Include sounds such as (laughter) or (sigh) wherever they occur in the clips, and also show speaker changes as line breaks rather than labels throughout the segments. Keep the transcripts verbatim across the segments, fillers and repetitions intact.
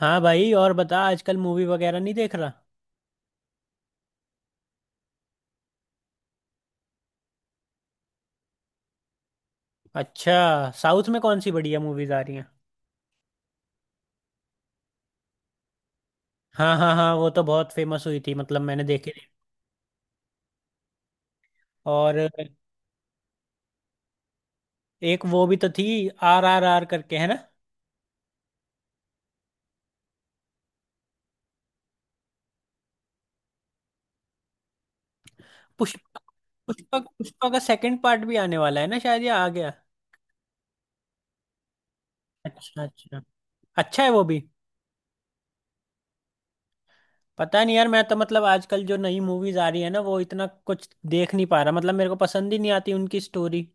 हाँ भाई, और बता आजकल मूवी वगैरह नहीं देख रहा? अच्छा। साउथ में कौन सी बढ़िया मूवीज आ रही हैं? हाँ हाँ हाँ, वो तो बहुत फेमस हुई थी, मतलब मैंने देखी थी। और एक वो भी तो थी, आर आर आर करके, है ना? पुष्पा। पुष्पा, पुष्पा का सेकंड पार्ट भी आने वाला है ना शायद, या आ गया? अच्छा अच्छा। अच्छा है वो भी। पता नहीं यार, मैं तो मतलब आजकल जो नई मूवीज आ रही है ना, वो इतना कुछ देख नहीं पा रहा, मतलब मेरे को पसंद ही नहीं आती उनकी स्टोरी।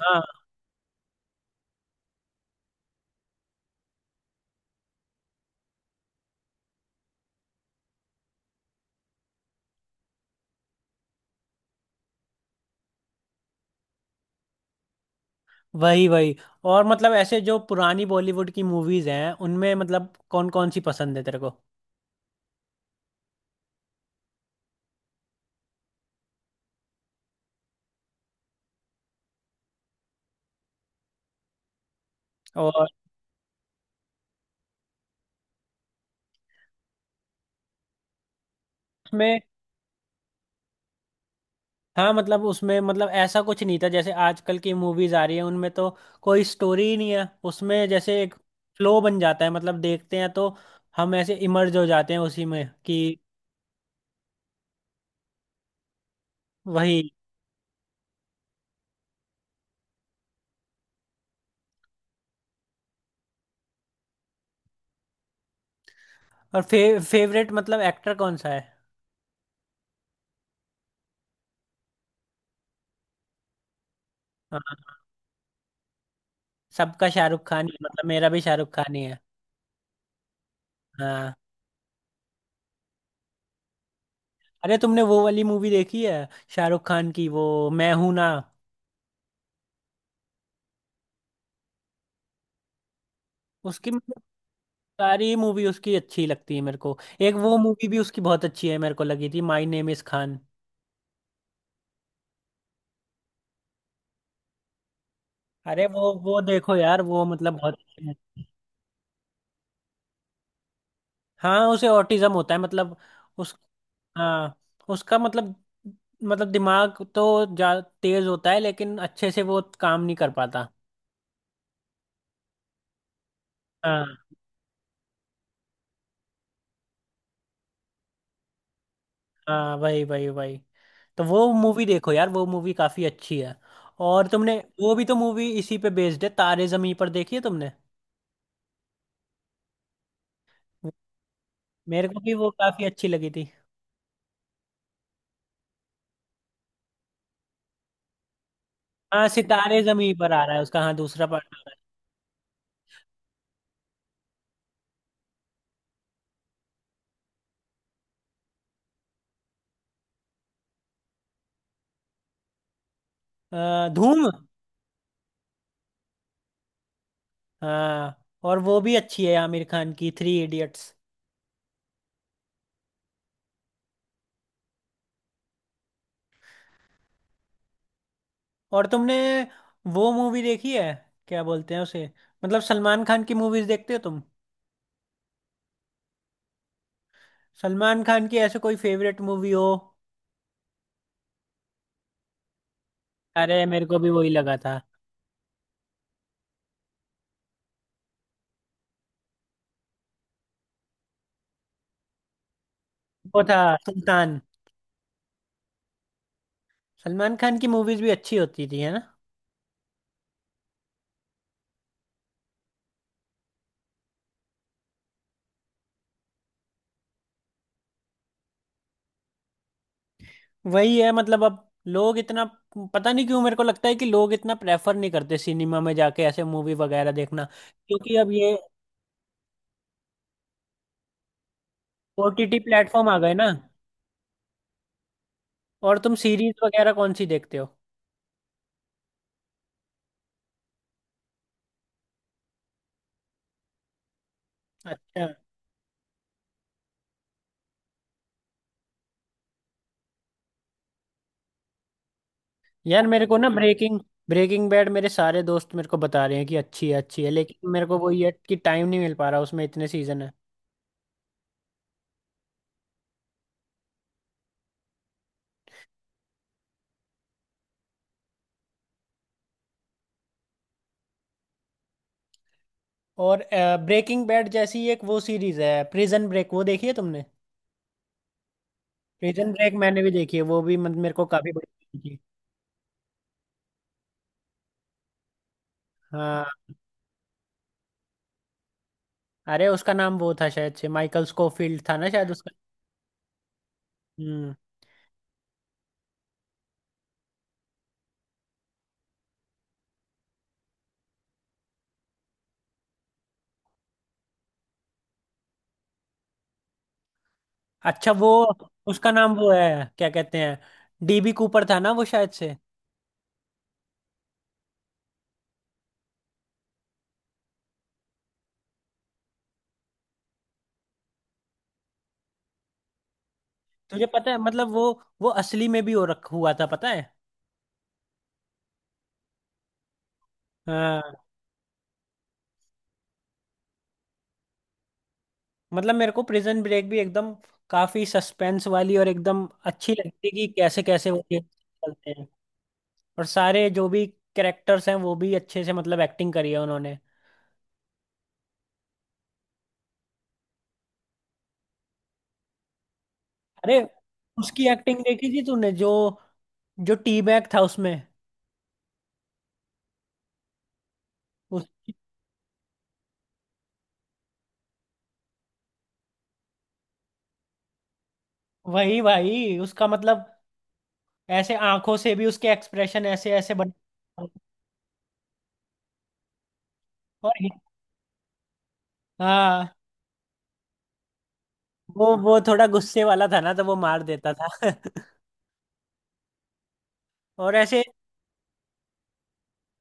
हाँ, वही वही। और मतलब ऐसे जो पुरानी बॉलीवुड की मूवीज हैं उनमें, मतलब कौन कौन सी पसंद है तेरे को? और उसमें। हाँ मतलब उसमें, मतलब ऐसा कुछ नहीं था जैसे आजकल की मूवीज आ रही है उनमें तो कोई स्टोरी ही नहीं है, उसमें जैसे एक फ्लो बन जाता है, मतलब देखते हैं तो हम ऐसे इमर्ज हो जाते हैं उसी में कि। वही। और फे, फेवरेट मतलब एक्टर कौन सा है? हाँ, सबका शाहरुख खान ही है, मतलब मेरा भी शाहरुख खान ही है। हाँ। अरे तुमने वो वाली मूवी देखी है, शाहरुख खान की, वो मैं हूं ना? उसकी मतलब सारी मूवी उसकी अच्छी लगती है मेरे को। एक वो मूवी भी उसकी बहुत अच्छी है मेरे को लगी थी, माई नेम इज खान। अरे वो वो देखो यार, वो मतलब बहुत अच्छी है। हाँ उसे ऑटिज्म होता है, मतलब उस। हाँ उसका मतलब, मतलब दिमाग तो जा तेज होता है, लेकिन अच्छे से वो काम नहीं कर पाता। हाँ हाँ, वही वही वही। तो वो मूवी देखो यार, वो मूवी काफी अच्छी है। और तुमने वो भी तो मूवी इसी पे बेस्ड है, तारे जमी पर, देखी है तुमने? मेरे को भी वो काफी अच्छी लगी थी। हाँ सितारे जमीन पर आ रहा है उसका, हाँ दूसरा पार्ट। अ, धूम। हाँ। और वो भी अच्छी है आमिर खान की, थ्री इडियट्स। और तुमने वो मूवी देखी है, क्या बोलते हैं उसे, मतलब सलमान खान की मूवीज देखते हो तुम? सलमान खान की ऐसे कोई फेवरेट मूवी हो? अरे मेरे को भी वही लगा था। वो था सुल्तान। सलमान खान की मूवीज भी अच्छी होती थी, है ना? वही है, मतलब अब लोग इतना, पता नहीं क्यों मेरे को लगता है कि लोग इतना प्रेफर नहीं करते सिनेमा में जाके ऐसे मूवी वगैरह देखना। क्योंकि अब ये ओ टी टी प्लेटफॉर्म आ गए ना। और तुम सीरीज वगैरह कौन सी देखते हो? अच्छा। यार मेरे को ना ब्रेकिंग ब्रेकिंग बैड, मेरे सारे दोस्त मेरे को बता रहे हैं कि अच्छी है अच्छी है, लेकिन मेरे को वो, ये कि टाइम नहीं मिल पा रहा, उसमें इतने सीजन है। और ब्रेकिंग बैड जैसी एक वो सीरीज है, प्रिजन ब्रेक, वो देखी है तुमने? प्रिजन ब्रेक मैंने भी देखी है, वो भी मतलब मेरे को काफी बड़ी लगी। हाँ। अरे उसका नाम वो था शायद से, माइकल स्कोफील्ड था ना शायद उसका? हम्म। अच्छा वो उसका नाम, वो है क्या कहते हैं, डी बी कूपर था ना वो, शायद से। तुझे पता है मतलब वो वो असली में भी हो रख हुआ था, पता है? हाँ। मतलब मेरे को प्रिजन ब्रेक भी एकदम काफी सस्पेंस वाली और एकदम अच्छी लगती है, कि कैसे कैसे वो केस चलते हैं। और सारे जो भी कैरेक्टर्स हैं वो भी अच्छे से मतलब एक्टिंग करी है उन्होंने। अरे उसकी एक्टिंग देखी थी तूने, जो जो टी बैग था उसमें? उस, वही भाई उसका मतलब, ऐसे आंखों से भी उसके एक्सप्रेशन ऐसे ऐसे बन। और हाँ, वो वो थोड़ा गुस्से वाला था ना, तो वो मार देता था (laughs) और ऐसे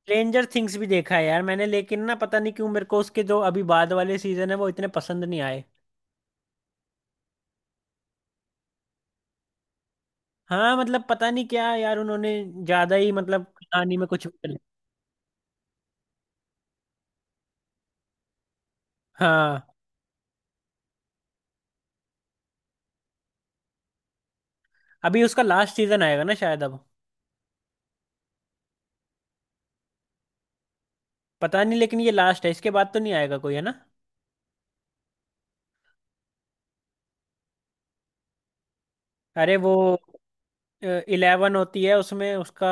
स्ट्रेंजर थिंग्स भी देखा है यार मैंने, लेकिन ना पता नहीं क्यों मेरे को उसके जो अभी बाद वाले सीजन है वो इतने पसंद नहीं आए। हाँ, मतलब पता नहीं क्या यार, उन्होंने ज्यादा ही, मतलब कहानी में कुछ भी कर- लिया। हाँ। अभी उसका लास्ट सीजन आएगा ना शायद अब? पता नहीं, लेकिन ये लास्ट है, इसके बाद तो नहीं आएगा कोई, है ना? अरे वो इलेवन होती है उसमें, उसका।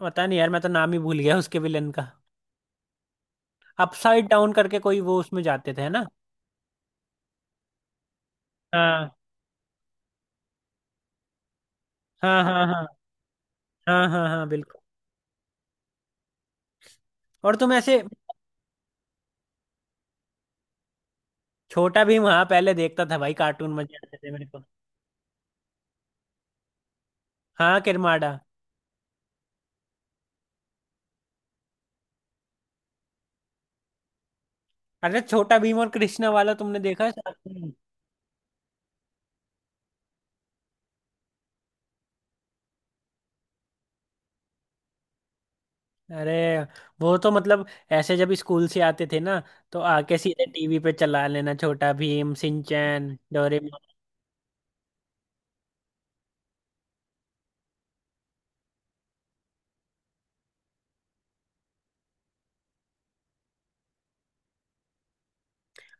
पता नहीं यार, मैं तो नाम ही भूल गया उसके विलन का। अपसाइड डाउन करके कोई वो, उसमें जाते थे है ना? हाँ हाँ हाँ, हाँ हाँ हाँ, हाँ बिल्कुल। और तुम ऐसे, छोटा भीम? हाँ पहले देखता था भाई, कार्टून मजे आते थे मेरे को। हाँ किरमाड़ा। अरे छोटा भीम और कृष्णा वाला तुमने देखा है साथ में? अरे वो तो मतलब ऐसे जब स्कूल से आते थे ना तो आके सीधे टीवी पे चला लेना, छोटा भीम, सिंचैन, डोरेमोन।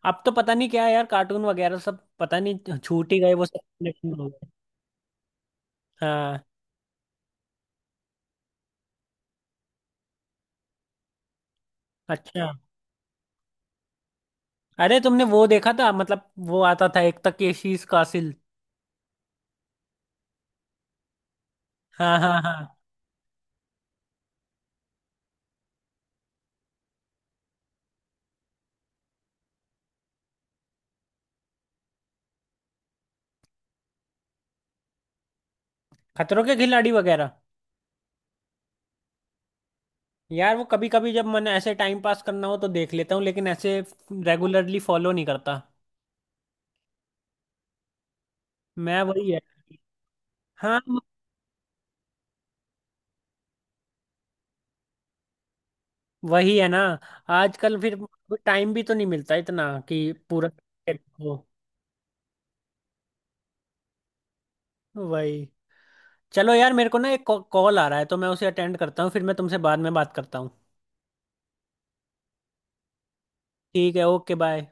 अब तो पता नहीं क्या है यार, कार्टून वगैरह सब पता नहीं छूट ही गए वो सब, collection हो गए। हाँ। अच्छा। अरे तुमने वो देखा था, मतलब वो आता था एक, तकेशीस कासिल? हाँ हाँ हाँ। खतरों के खिलाड़ी वगैरह? यार वो कभी कभी जब मन ऐसे टाइम पास करना हो तो देख लेता हूँ, लेकिन ऐसे रेगुलरली फॉलो नहीं करता। मैं वही है। हाँ। वही है ना, आजकल फिर टाइम भी तो नहीं मिलता इतना कि पूरा देखो। वही। चलो यार मेरे को ना एक कॉल आ रहा है, तो मैं उसे अटेंड करता हूँ, फिर मैं तुमसे बाद में बात करता हूँ। ठीक है, ओके, बाय।